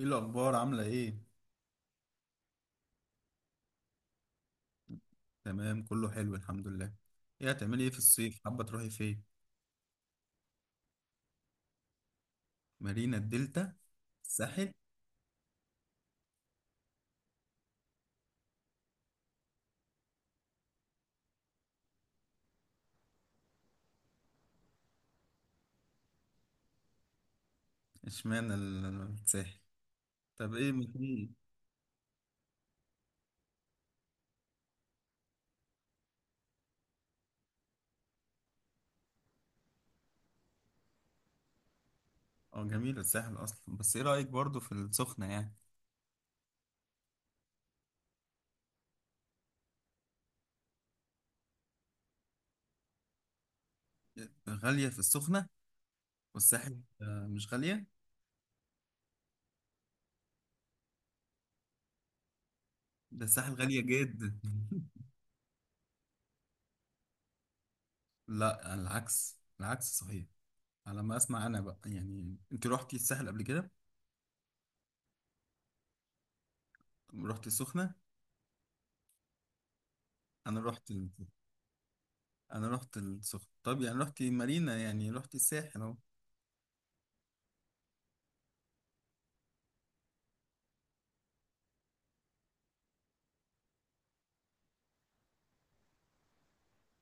ايه الاخبار عامله ايه؟ تمام، كله حلو الحمد لله. ايه هتعملي ايه في الصيف؟ حابه تروحي فين؟ مارينا الدلتا، الساحل. اشمعنى الساحل؟ طب ايه مكان؟ اه، جميل الساحل اصلا. بس ايه رايك برضو في السخنه يعني؟ غاليه في السخنه؟ والساحل آه، مش غاليه. ده الساحل غاليه جدا. لا، على العكس، العكس صحيح. على ما اسمع انا بقى يعني، انت روحتي الساحل قبل كده؟ روحتي السخنه؟ انا روحت. انا رحت السخنة. طب يعني رحت مارينا، يعني رحت الساحل اهو.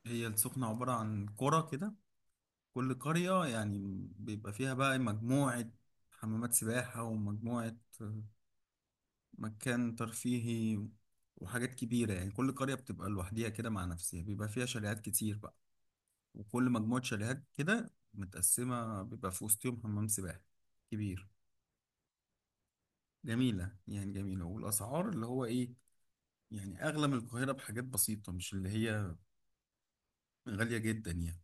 هي السخنة عبارة عن قرى كده. كل قرية يعني بيبقى فيها بقى مجموعة حمامات سباحة ومجموعة، مكان ترفيهي وحاجات كبيرة. يعني كل قرية بتبقى لوحديها كده مع نفسها، بيبقى فيها شاليهات كتير بقى. وكل مجموعة شاليهات كده متقسمة بيبقى في وسطهم حمام سباحة كبير. جميلة يعني جميلة. والأسعار اللي هو إيه، يعني أغلى من القاهرة بحاجات بسيطة، مش اللي هي غالية جدا يعني.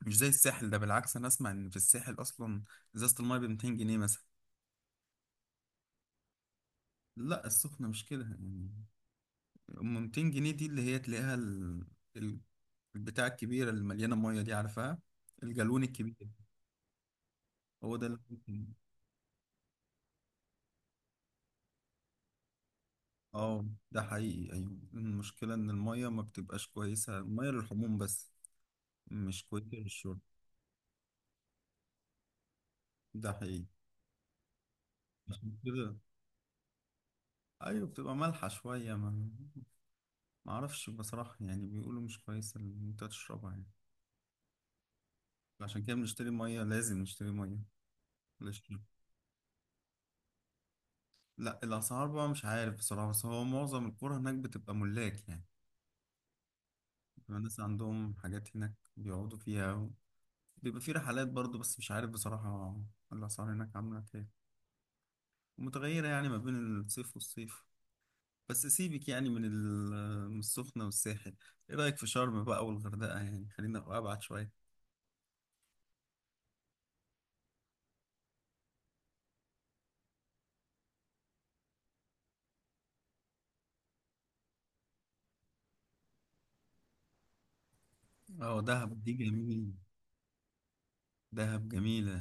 مش زي الساحل. ده بالعكس، انا اسمع ان في الساحل اصلا ازازه المايه ب 200 جنيه مثلا. لا، السخنه مش كده يعني. 200 جنيه دي اللي هي تلاقيها ال- البتاع الكبيره اللي مليانه ميه دي، عارفها؟ الجالون الكبير. هو ده اللي ممكن. اه، ده حقيقي. ايوه، المشكله ان الميه ما بتبقاش كويسه، الميه للحموم بس، مش كويسه للشرب. ده حقيقي. عشان كده ايوه، بتبقى مالحه شويه. ما اعرفش بصراحه يعني، بيقولوا مش كويسه ان انت تشربها يعني. عشان كده بنشتري ميه، لازم نشتري ميه للشرب. لا، الاسعار بقى مش عارف بصراحه. بس هو معظم القرى هناك بتبقى ملاك يعني، بيبقى الناس عندهم حاجات هناك بيقعدوا فيها. بيبقى في رحلات برضو، بس مش عارف بصراحه الاسعار هناك عامله ايه، متغيره يعني ما بين الصيف والصيف. بس سيبك يعني من السخنه والساحل. ايه رايك في شرم بقى والغردقه؟ يعني خلينا ابعد شويه. اه، دهب دي جميله. دهب جميله.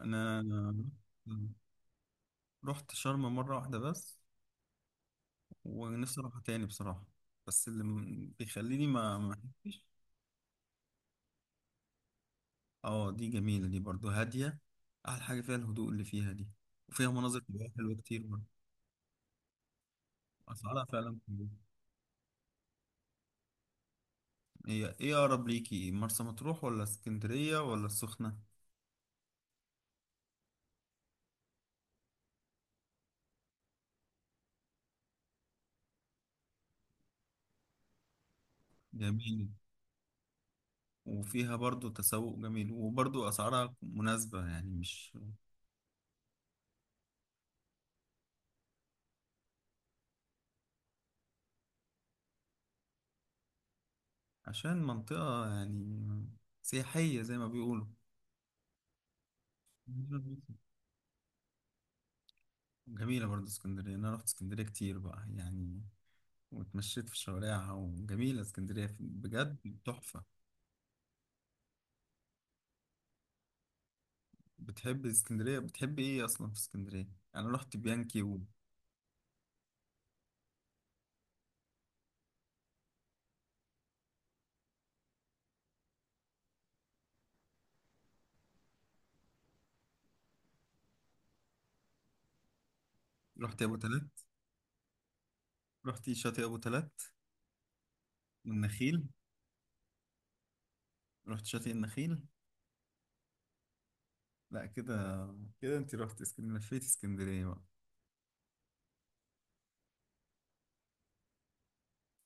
انا رحت شرم مره واحده بس، ونفسي اروحها تاني بصراحة. بس اللي بيخليني ما احبش. اه، دي جميلة، دي برضو هادية. احلى حاجة فيها الهدوء اللي فيها دي. وفيها مناظر طبيعية حلوة كتير برضو. اسعارها فعلا كويسة. هي ايه اقرب ليكي، مرسى مطروح ولا اسكندرية ولا السخنة؟ جميل. وفيها برضو تسوق جميل، وبرضو اسعارها مناسبة يعني مش... عشان منطقة يعني سياحية زي ما بيقولوا. جميلة برضو اسكندرية. أنا رحت اسكندرية كتير بقى يعني، واتمشيت في شوارعها، وجميلة اسكندرية بجد تحفة. بتحب اسكندرية؟ بتحب ايه اصلا في اسكندرية؟ يعني رحت بيانكي؟ ورحت ابو تلات؟ رحت شاطئ ابو تلات؟ والنخيل؟ رحت شاطئ النخيل؟ لا كده، كده انت رحت اسكندرية، لفيت اسكندرية بقى.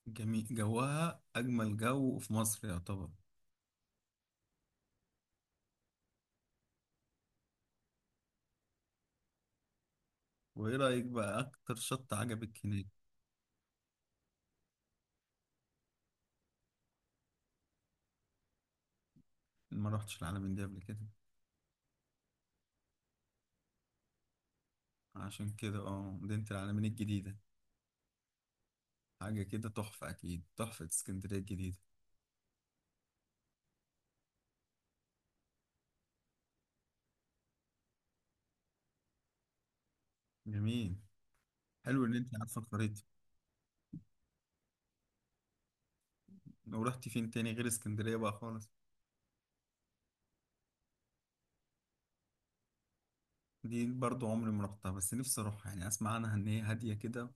جميل جوها، اجمل جو في مصر يعتبر. وايه رأيك بقى اكتر شط عجبك هناك؟ ما رحتش العلمين دي قبل كده؟ عشان كده اه، مدينة العلمين الجديدة. حاجة كده تحفة، أكيد تحفة اسكندرية الجديدة. جميل. حلو ان انت عارفه الخريطه. لو رحتي فين تاني غير اسكندريه بقى خالص؟ دي برضو عمري ما رحتها، بس نفسي اروحها يعني، اسمع عنها ان هي هاديه كده.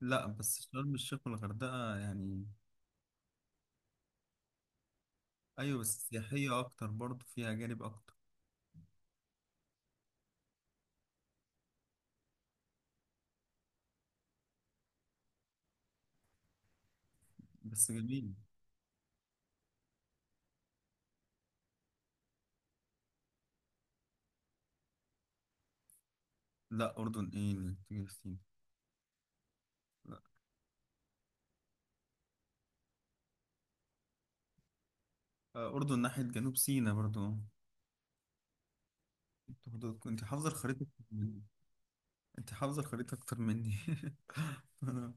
لا بس شرم الشيخ والغردقه يعني... ايوه، بس سياحيه اكتر، برضو فيها جانب اكتر. بس جميل. لا، اردن ايه اللي تيجي في سينا؟ لا. آه، اردن ناحيه جنوب سينا برضو. انت حافظه الخريطه أكتر مني. انت حافظه الخريطه اكتر مني. انا.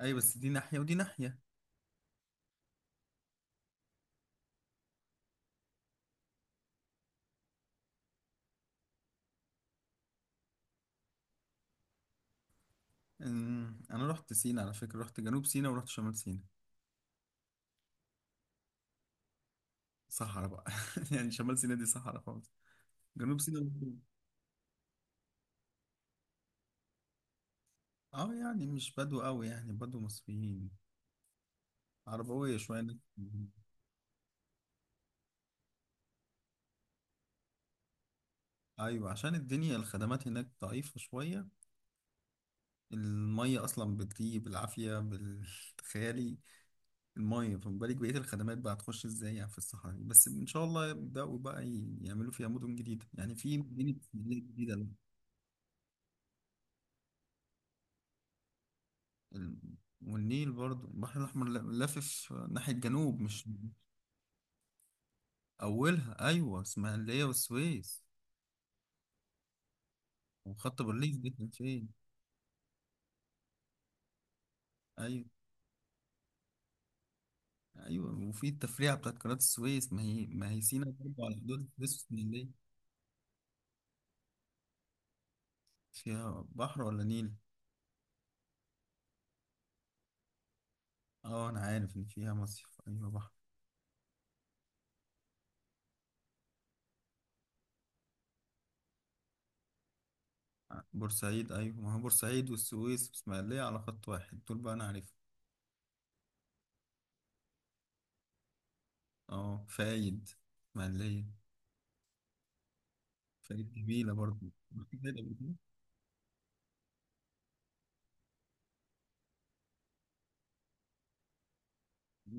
ايوه، بس دي ناحيه ودي ناحيه. انا رحت سينا على فكره، رحت جنوب سينا ورحت شمال سينا. صحراء بقى. يعني شمال سيناء دي صحراء خالص. جنوب سيناء ممكن- اه يعني مش بدو قوي، يعني بدو مصريين. عربوية شوية، ناس مهم. ايوه، عشان الدنيا الخدمات هناك ضعيفة شوية. المية اصلا بتيجي بالعافية بالخيالي. المية، فما بالك بقية الخدمات بقى؟ هتخش ازاي يعني في الصحراء دي. بس ان شاء الله يبدأوا بقى يعملوا فيها مدن جديدة، يعني في مدينة اسماعيلية جديدة. ال- والنيل برضو. البحر الأحمر لافف ناحية جنوب مش... اولها ايوه، اسماعيليه والسويس. وخط بارليف دي كان فين؟ ايوه. ايوه، وفي التفريعه بتاعت قناه السويس، ما هي سينا برضه على حدود السويس. والاسماعيليه. فيها بحر ولا نيل؟ اه، انا عارف ان فيها مصيف، ايوه بحر. بورسعيد، ايوه ما هو بورسعيد والسويس والاسماعيليه على خط واحد. دول بقى انا عارفهم. اه، فايد. اسماعيليه. فايد جميله برضه. رحت فايد قبل كده؟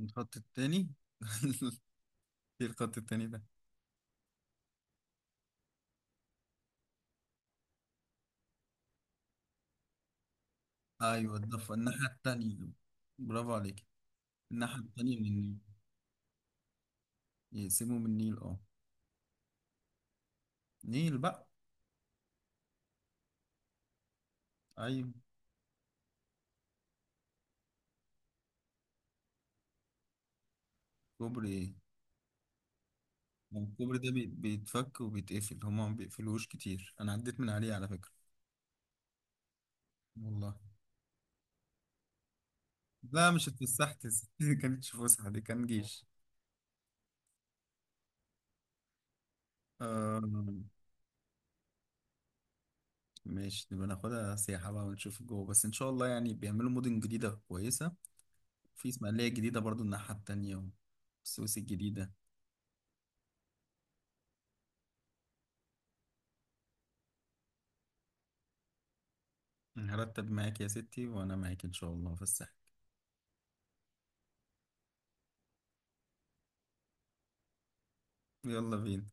الخط التاني؟ ايه الخط التاني ده؟ ايوه، ده في الناحيه التانيه. برافو عليك. الناحية التانية من النيل. يقسموا من النيل، اه. نيل بقى. أيوة. كوبري ايه؟ هو الكوبري ده بيتفك وبيتقفل، هما ما بيقفلوهوش كتير. أنا عديت من عليه على فكرة. والله. لا، مش اتفسحت. دي كانتش فسحة، دي كان جيش. آه. ماشي، نبقى ناخدها سياحة بقى ونشوف جوه، بس إن شاء الله يعني بيعملوا مدن جديدة كويسة. في إسماعيلية جديدة برضو الناحية التانية. والسويس الجديدة. هرتب معاك يا ستي، وأنا معاك إن شاء الله في الساحل. يلا بينا.